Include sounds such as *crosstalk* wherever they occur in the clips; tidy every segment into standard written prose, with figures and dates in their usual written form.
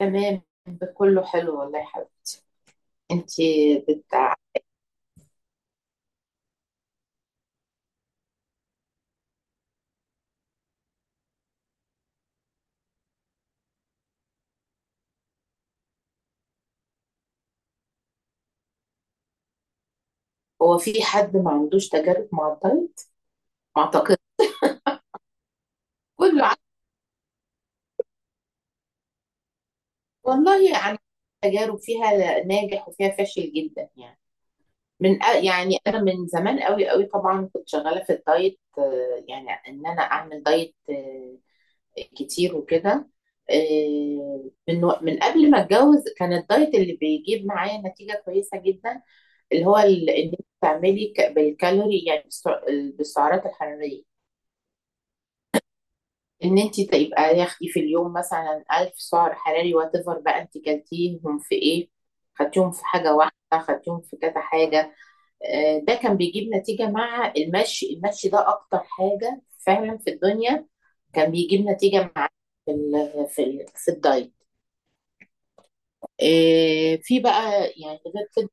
تمام. ده كله حلو والله يا حبيبي. انتي بت... هو في حد ما عندوش تجارب مع الدايت؟ ما اعتقد. كله عنده والله يعني، تجارب فيها ناجح وفيها فاشل جدا يعني. يعني انا من زمان قوي قوي طبعا كنت شغاله في الدايت، يعني ان انا اعمل دايت كتير وكده. من قبل ما اتجوز كان الدايت اللي بيجيب معايا نتيجه كويسه جدا، اللي هو ان انت تعملي بالكالوري، يعني بالسعرات الحراريه. ان انت تبقى ياخدي في اليوم مثلا 1000 سعر حراري، وات ايفر بقى انت كلتيهم في ايه، خدتيهم في حاجه واحده، خدتيهم في كذا حاجه. ده كان بيجيب نتيجه مع المشي. المشي ده اكتر حاجه فعلا في الدنيا كان بيجيب نتيجه مع في الدايت. في بقى يعني غير كده.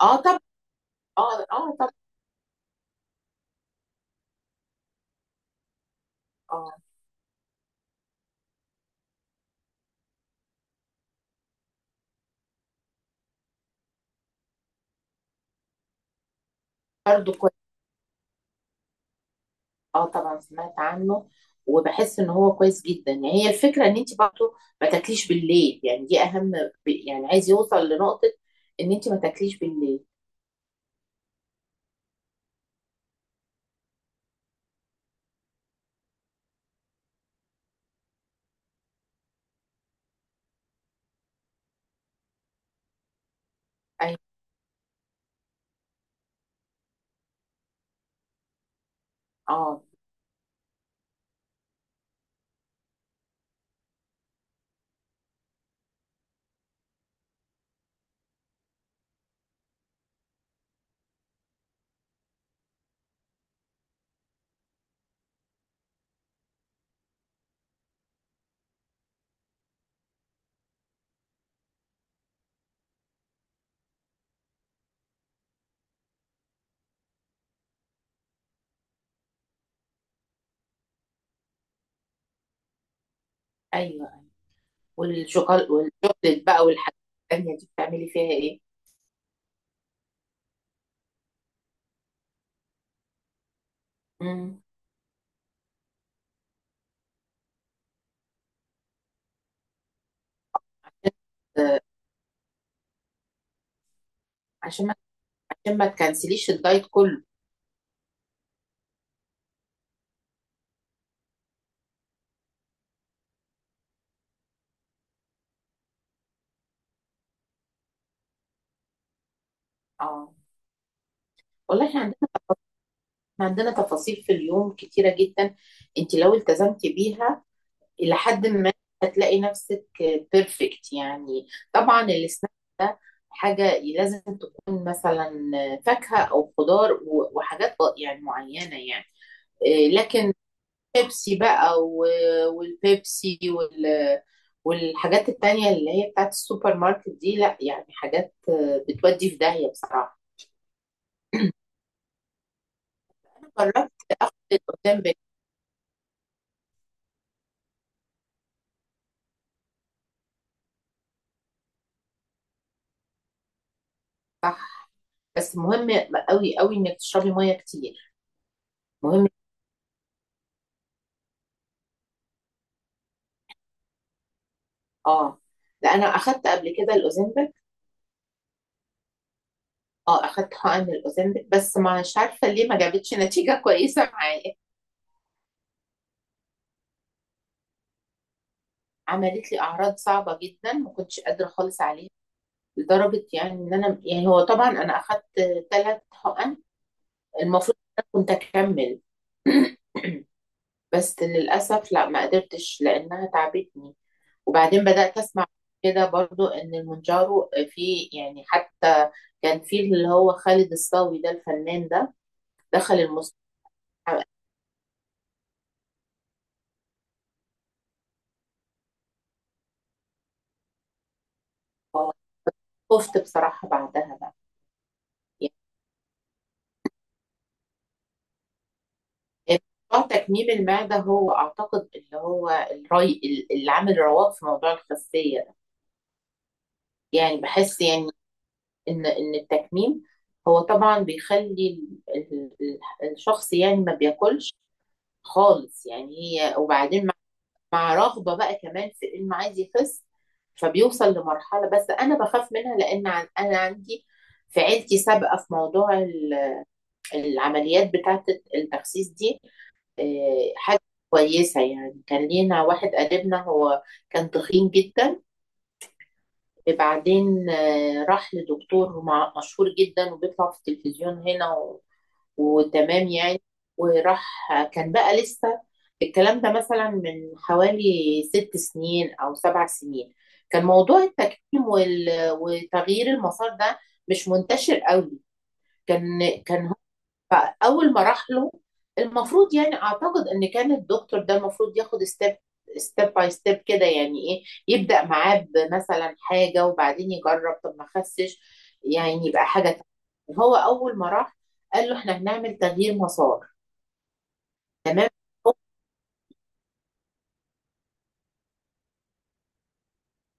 اه طب. اه اه طب. اه برضه. اه طبعا سمعت عنه، وبحس ان هو كويس جدا يعني. هي الفكره ان انت برضه ما تاكليش بالليل، يعني دي اهم. يعني عايز يوصل لنقطه ان انت ما تاكليش بالليل. ايوه. اه. ايوه. والشوكولاته والشوكليت بقى والحاجات التانيه دي بتعملي فيها ايه؟ امم آه، عشان ما، تكنسليش الدايت كله. اه والله احنا عندنا تفاصيل في اليوم كتيره جدا، انت لو التزمتي بيها إلى حد ما، هتلاقي نفسك بيرفكت يعني. طبعا السناك ده حاجة لازم تكون مثلا فاكهة أو خضار وحاجات يعني معينة يعني. إيه، لكن بيبسي بقى والبيبسي والحاجات التانية اللي هي بتاعت السوبر ماركت دي لا يعني، حاجات بتودي في داهية بصراحة. جربت قدام بيت. صح. بس مهم قوي قوي انك تشربي مية كتير. مهم. اه. لا انا اخدت قبل كده الاوزمبل. اه اخدت حقن الاوزمبيك، بس مش عارفه ليه ما جابتش نتيجه كويسه معايا. عملت لي اعراض صعبه جدا، ما كنتش قادره خالص عليها، لدرجه يعني ان انا يعني، هو طبعا انا اخدت ثلاث حقن، المفروض إن انا كنت اكمل. *clears throat* بس للاسف لا، ما قدرتش لانها تعبتني. وبعدين بدات اسمع كده برضو ان المونجارو، في يعني حتى كان في اللي هو خالد الصاوي ده الفنان ده دخل المستشفى. خفت بصراحه بعدها بقى. موضوع تكميم المعدة هو أعتقد اللي هو الري، اللي عامل رواق في موضوع الخسية ده. يعني بحس يعني إن التكميم هو طبعا بيخلي الشخص يعني ما بياكلش خالص يعني، هي. وبعدين مع رغبة بقى كمان في إنه عايز يخس، فبيوصل لمرحلة. بس أنا بخاف منها، لأن أنا عندي في عيلتي سابقة في موضوع العمليات بتاعة التخسيس دي. حاجة كويسة يعني، كان لينا واحد قريبنا، هو كان تخين جدا. بعدين راح لدكتور مشهور جدا وبيطلع في التلفزيون هنا، وتمام يعني. وراح، كان بقى لسه الكلام ده مثلا من حوالي 6 سنين أو 7 سنين، كان موضوع التكميم وتغيير المسار ده مش منتشر قوي. كان فاول ما راح له، المفروض يعني اعتقد ان كان الدكتور ده المفروض ياخد ستيب، ستيب باي ستيب كده، يعني ايه، يبدا معاه بمثلا حاجه وبعدين يجرب. طب ما خسش يعني يبقى حاجه تانية. هو اول ما راح قال له احنا هنعمل تغيير مسار. تمام، هو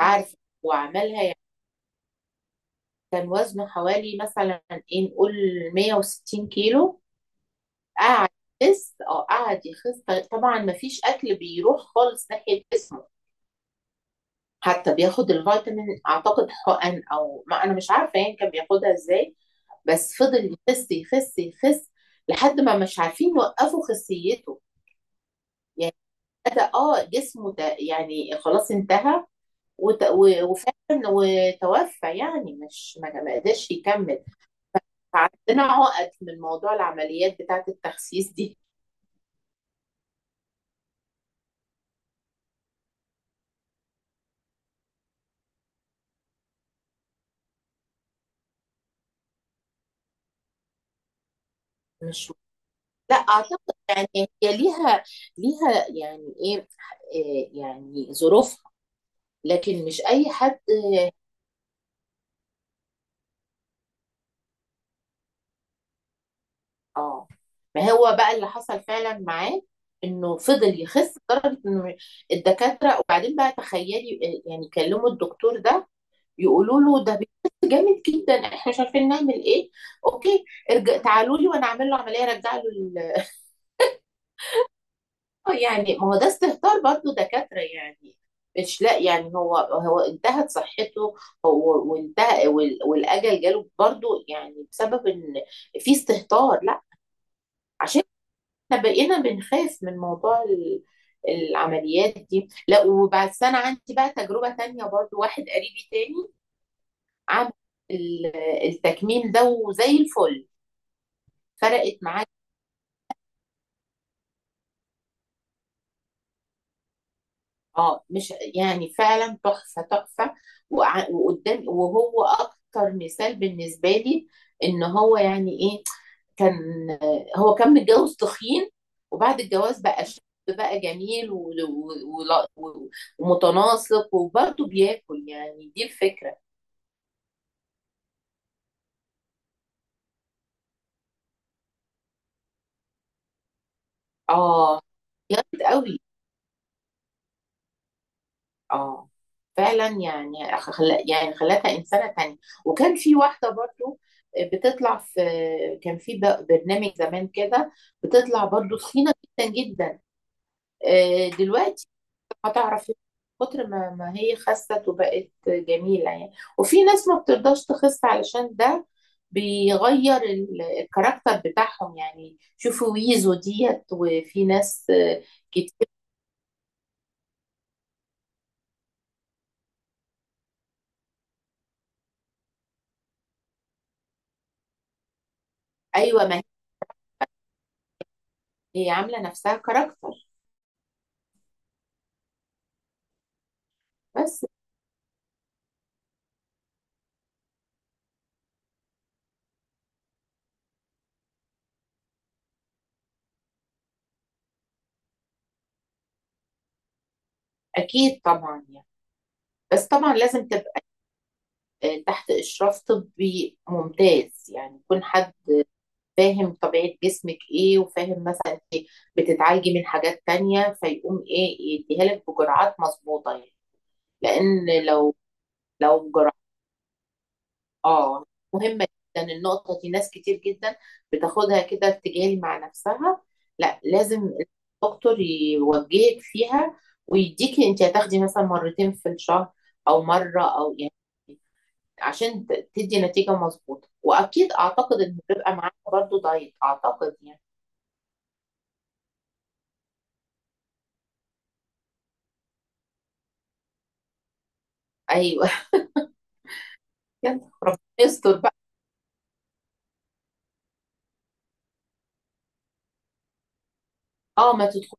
عارف. وعملها يعني. كان وزنه حوالي مثلا، ايه نقول، 160 كيلو. قعد يخس، اه قعد يخس، طبعا ما فيش اكل بيروح خالص ناحيه جسمه. حتى بياخد الفيتامين اعتقد حقن، او ما، انا مش عارفه يعني كان بياخدها ازاي. بس فضل يخس يخس يخس لحد ما مش عارفين يوقفوا خسيته. يعني بدا اه جسمه ده يعني خلاص انتهى. وفعلا وتوفى يعني، مش ما قدرش يكمل. فعندنا عقد من موضوع العمليات بتاعه التخسيس دي. مش، لا اعتقد يعني هي ليها، يعني ايه، يعني ظروفها، لكن مش اي حد. اه ما هو بقى اللي حصل فعلا معاه انه فضل يخس لدرجه ان الدكاتره، وبعدين بقى تخيلي يعني كلموا الدكتور ده يقولوا له ده بيخس جامد جدا، احنا مش عارفين نعمل ايه. اوكي، ارجع تعالوا لي وانا اعمل له عمليه، ارجع له يعني ما هو ده استهتار برضه دكاتره يعني. مش لا يعني، هو انتهت صحته، هو وانتهى والاجل جاله برضه، يعني بسبب ان في استهتار، لا. عشان احنا بقينا بنخاف من موضوع العمليات دي، لا. وبس انا عندي بقى تجربة تانية برضو، واحد قريبي تاني عمل ال- التكميم ده وزي الفل. فرقت معاه اه، مش يعني، فعلا تحفة تحفة. وقدام، وهو اكتر مثال بالنسبة لي ان هو يعني ايه، كان هو كان متجوز تخين. وبعد الجواز بقى شاب، بقى جميل ومتناسق وبرضه بياكل، يعني دي الفكرة. اه جامد قوي. اه فعلا يعني خلا يعني خلتها إنسانة تانية. وكان في واحدة برضه بتطلع في، كان في برنامج زمان كده، بتطلع برضه تخينة جدا جدا. دلوقتي هتعرف كتر ما هي خست وبقت جميلة يعني. وفي ناس ما بترضاش تخس علشان ده بيغير الكاركتر بتاعهم، يعني شوفوا ويزو ديت، وفي ناس كتير. ايوه، ما هي عاملة نفسها كاركتر. بس اكيد طبعا يعني، بس طبعا لازم تبقى تحت اشراف طبي ممتاز، يعني يكون حد فاهم طبيعة جسمك ايه، وفاهم مثلا بتتعالجي من حاجات تانية، فيقوم ايه يديها لك بجرعات مظبوطة يعني. لان لو جرى اه. مهمه جدا النقطه دي، ناس كتير جدا بتاخدها كده ارتجال مع نفسها، لا لازم الدكتور يوجهك فيها، ويديكي انت هتاخدي مثلا مرتين في الشهر او مره او يعني، عشان تدي نتيجه مظبوطه، واكيد اعتقد ان بيبقى معاها برضو دايت اعتقد يعني. ايوه. *laughs* يلا ربنا يستر بقى. اه ما تدخل،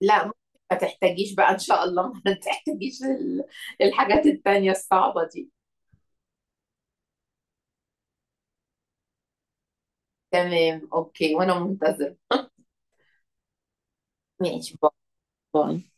لا ممكن ما تحتاجيش بقى ان شاء الله، ما تحتاجيش الحاجات التانية الصعبة دي. تمام، اوكي، وانا منتظر. ماشي، باي باي.